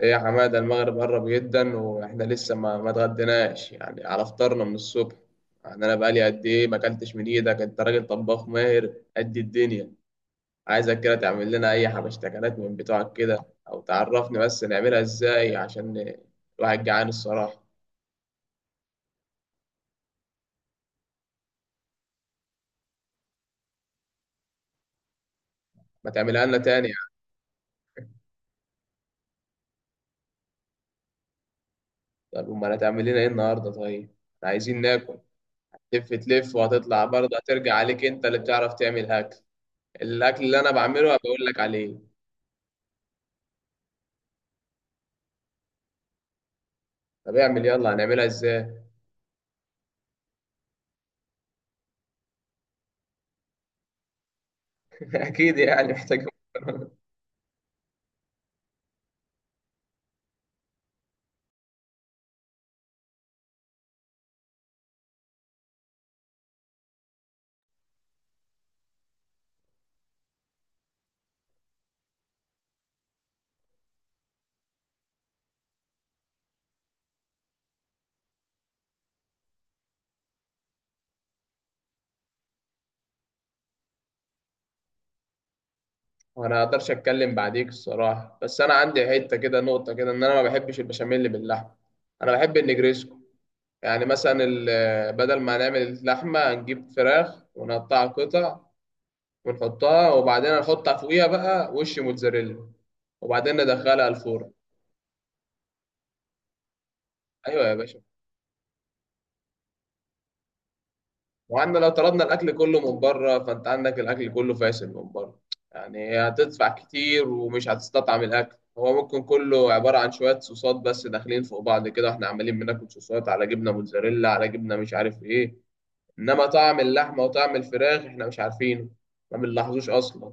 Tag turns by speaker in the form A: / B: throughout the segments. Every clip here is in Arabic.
A: ايه يا حماده، المغرب قرب جدا واحنا لسه ما اتغديناش يعني على فطارنا من الصبح. يعني انا بقالي قد ايه ما اكلتش من ايدك، انت راجل طباخ ماهر قد الدنيا. عايزك كده تعمل لنا اي حبشتكنات من بتوعك كده، او تعرفني بس نعملها ازاي عشان الواحد جعان الصراحه. ما تعملها لنا تاني يعني. طب امال هتعمل لنا ايه النهارده؟ طيب، احنا عايزين ناكل. تلف تلف وهتطلع برضه هترجع عليك، انت اللي بتعرف تعمل اكل. الاكل اللي انا بعمله بقول لك عليه. طب اعمل، يلا هنعملها ازاي؟ اكيد يعني محتاج. وانا ما اقدرش اتكلم بعديك الصراحه، بس انا عندي حته كده نقطه كده، ان انا ما بحبش البشاميل باللحمه. انا بحب النجريسكو. يعني مثلا بدل ما نعمل اللحمه نجيب فراخ ونقطعها قطع، ونحطها وبعدين نحط فوقيها بقى وش موتزاريلا، وبعدين ندخلها الفرن. ايوه يا باشا. وعندنا لو طلبنا الاكل كله من بره، فانت عندك الاكل كله فاشل من بره. يعني هتدفع كتير ومش هتستطعم الاكل، هو ممكن كله عباره عن شويه صوصات بس داخلين فوق بعض كده، واحنا عمالين بناكل صوصات على جبنه موتزاريلا على جبنه مش عارف ايه. انما طعم اللحمه وطعم الفراخ احنا مش عارفينه، ما بنلاحظوش اصلا.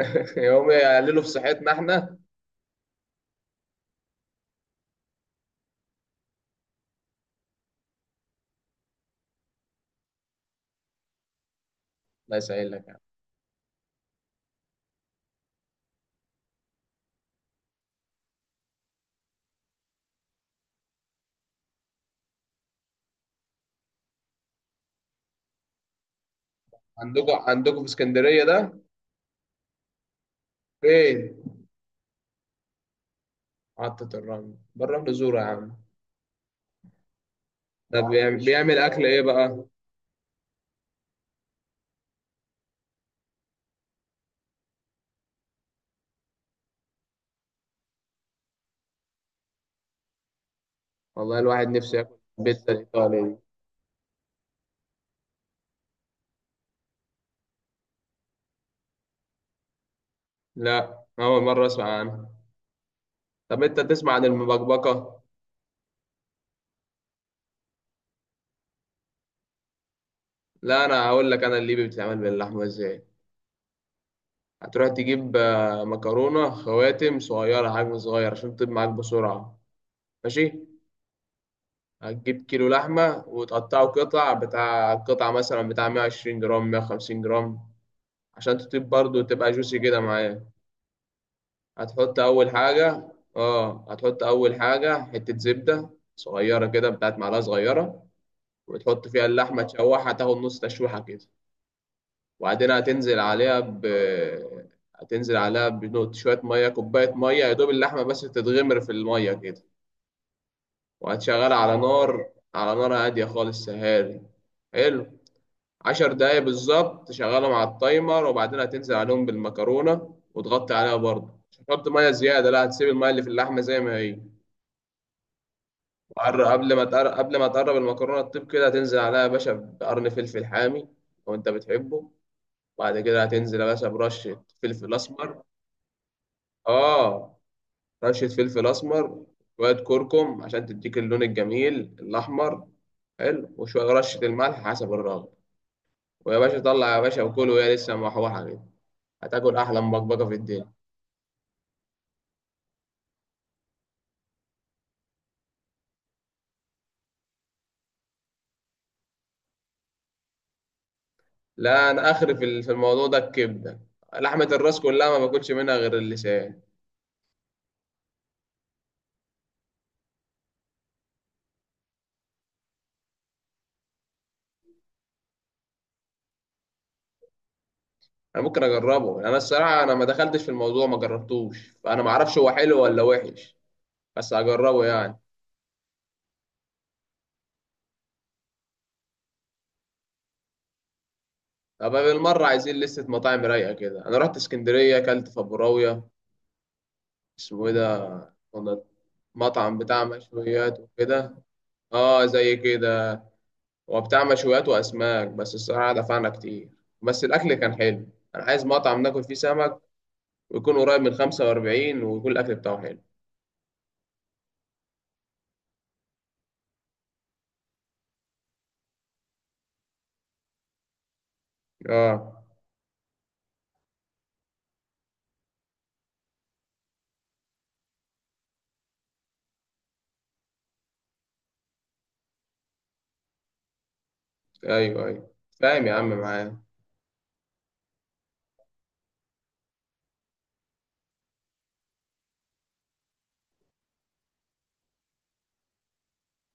A: يوم يقللوا في صحتنا احنا. لا يسهل لك يعني. عندكم في اسكندريه ده؟ فين؟ محطه الرمل؟ بره الرمل زوره يا عم. ده بيعمل اكل ايه بقى؟ والله الواحد نفسه ياكل بيتزا الإيطالي دي. لا، أول مرة أسمع عنها. طب أنت تسمع عن المبكبكة؟ لا، أنا هقول لك أنا الليبي بتتعمل باللحمة إزاي. هتروح تجيب مكرونة خواتم صغيرة، حجم صغير عشان تطيب معاك بسرعة. ماشي. هتجيب كيلو لحمة وتقطعه قطع، بتاع قطعة مثلا بتاع 120 جرام 150 جرام، عشان تطيب برضه وتبقى جوسي كده معايا. هتحط أول حاجة. اه، هتحط أول حاجة حتة زبدة صغيرة كده، بتاعت معلقة صغيرة، وتحط فيها اللحمة تشوحها تاخد نص تشويحة كده. وبعدين هتنزل عليها هتنزل عليها بنقط شوية مية، كوباية مية يا دوب اللحمة بس تتغمر في المية كده. وهتشغلها على نار، على نار هادية خالص سهاري. حلو. 10 دقايق بالظبط، تشغلهم على التايمر وبعدين هتنزل عليهم بالمكرونة، وتغطي عليها برضه، مش هتحط مية زيادة، لا هتسيب المية اللي في اللحمة زي ما هي. قبل ما تقرب المكرونة تطيب كده، هتنزل عليها يا باشا بقرن فلفل حامي لو انت بتحبه. بعد كده هتنزل يا باشا برشة فلفل أسمر. آه، رشة فلفل أسمر. شوية كركم عشان تديك اللون الجميل الأحمر. حلو. وشوية رشة الملح حسب الرغبة. ويا باشا طلع يا باشا وكل وهي لسه محوحة كده، هتاكل أحلى مبكبكة في الدنيا. لا، أنا آخر في في الموضوع ده الكبدة، لحمة الراس كلها ما باكلش منها غير اللسان. أنا ممكن أجربه، أنا الصراحة أنا ما دخلتش في الموضوع، ما جربتوش، فأنا ما أعرفش هو حلو ولا وحش. بس هجربه يعني. طب بالمرة عايزين لستة مطاعم رايقة كده. أنا رحت اسكندرية أكلت فبراوية، اسمه إيه ده كنا؟ مطعم بتاع مشويات وكده. آه زي كده، وبتاع مشويات وأسماك، بس الصراحة دفعنا كتير، بس الأكل كان حلو. أنا عايز مطعم ناكل فيه سمك، ويكون قريب من 45، ويكون الأكل بتاعه حلو. آه، أيوه أيوه. فاهم يا عم معايا.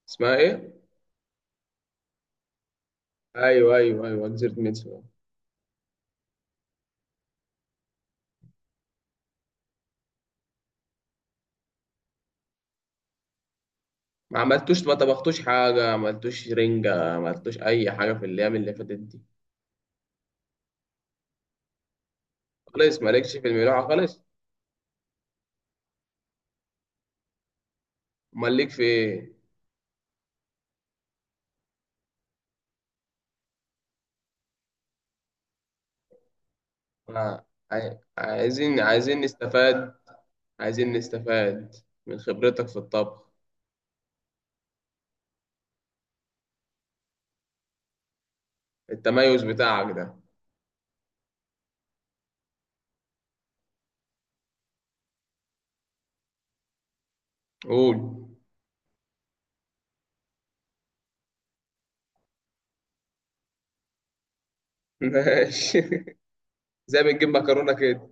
A: اسمها إيه؟ أيوه أيوه أيوه، جزيرة ميتسو. ما عملتوش ما طبختوش حاجة، ما عملتوش رنجة، ما عملتوش أي حاجة في الأيام اللي فاتت دي. خالص مالكش في الملاحة خالص. امال ليك في ايه؟ ما- عايزين نستفاد، عايزين نستفاد من خبرتك في الطبخ، التميز بتاعك ده. قول. ماشي، زي ما بنجيب مكرونة كده.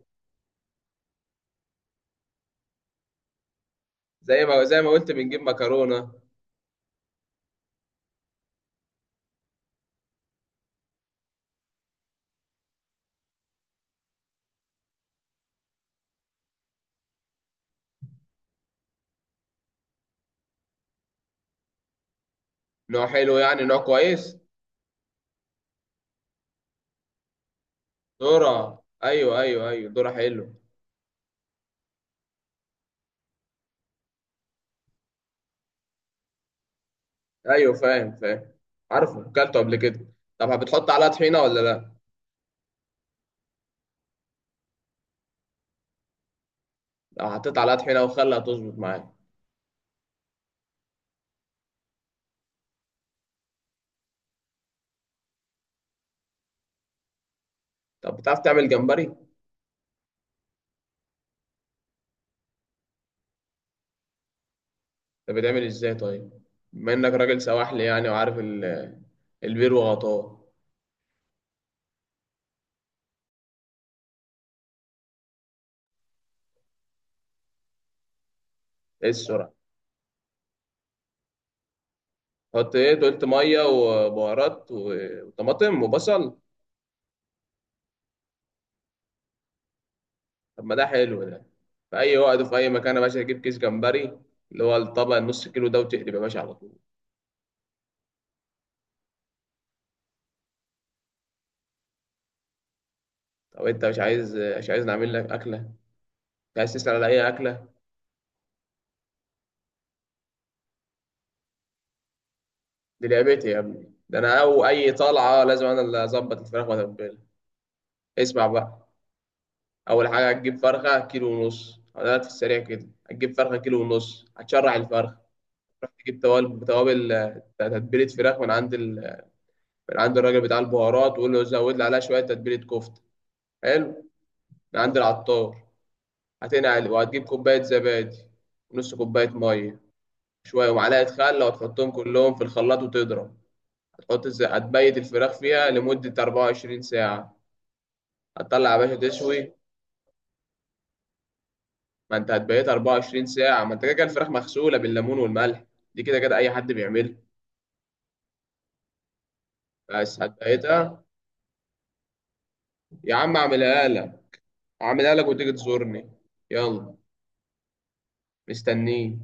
A: زي ما قلت بنجيب مكرونة. نوع حلو يعني، نوع كويس. دورة، ايوه ايوه ايوه، دورة حلو. ايوه، فاهم فاهم. عارفه كلته قبل كده. طب بتحط عليها طحينة ولا لا؟ لو حطيت عليها طحينة وخلها تظبط معاك. طب بتعرف تعمل جمبري؟ ده بيتعمل ازاي طيب؟ بما انك راجل سواحلي يعني وعارف البير وغطاه. ايه السرعه؟ حط ايه؟ أنت قلت ميه وبهارات وطماطم وبصل. طب ما ده حلو ده، في اي وقت وفي اي مكان يا باشا تجيب كيس جمبري، اللي هو الطبق النص كيلو ده، وتقلب يا باشا على طول. طب انت مش عايز نعمل لك اكله؟ مش عايز تسال على اي اكله؟ دي لعبتي يا ابني، ده انا او اي طلعه لازم انا اللي اظبط الفراخ واتبلها. اسمع بقى، اول حاجه هتجيب فرخه كيلو ونص، ده في السريع كده، هتجيب فرخه كيلو ونص، هتشرع الفرخه. تروح تجيب توابل توابل آه، تتبيله فراخ من عند من عند الراجل بتاع البهارات، وقول له زود لي عليها شويه تتبيله كفته. حلو. من عند العطار. هتنقل وهتجيب كوبايه زبادي ونص كوبايه ميه، شويه ومعلقه خل، وتحطهم كلهم في الخلاط وتضرب. هتبيت الفراخ فيها لمده 24 ساعه. هتطلع يا باشا تشوي. ما انت هتبيت 24 ساعة، ما انت كده كده الفراخ مغسولة بالليمون والملح، دي كده كده أي حد بيعملها، بس هتبيتها. يا عم أعملها لك، أعملها لك وتيجي تزورني. يلا، مستنيك.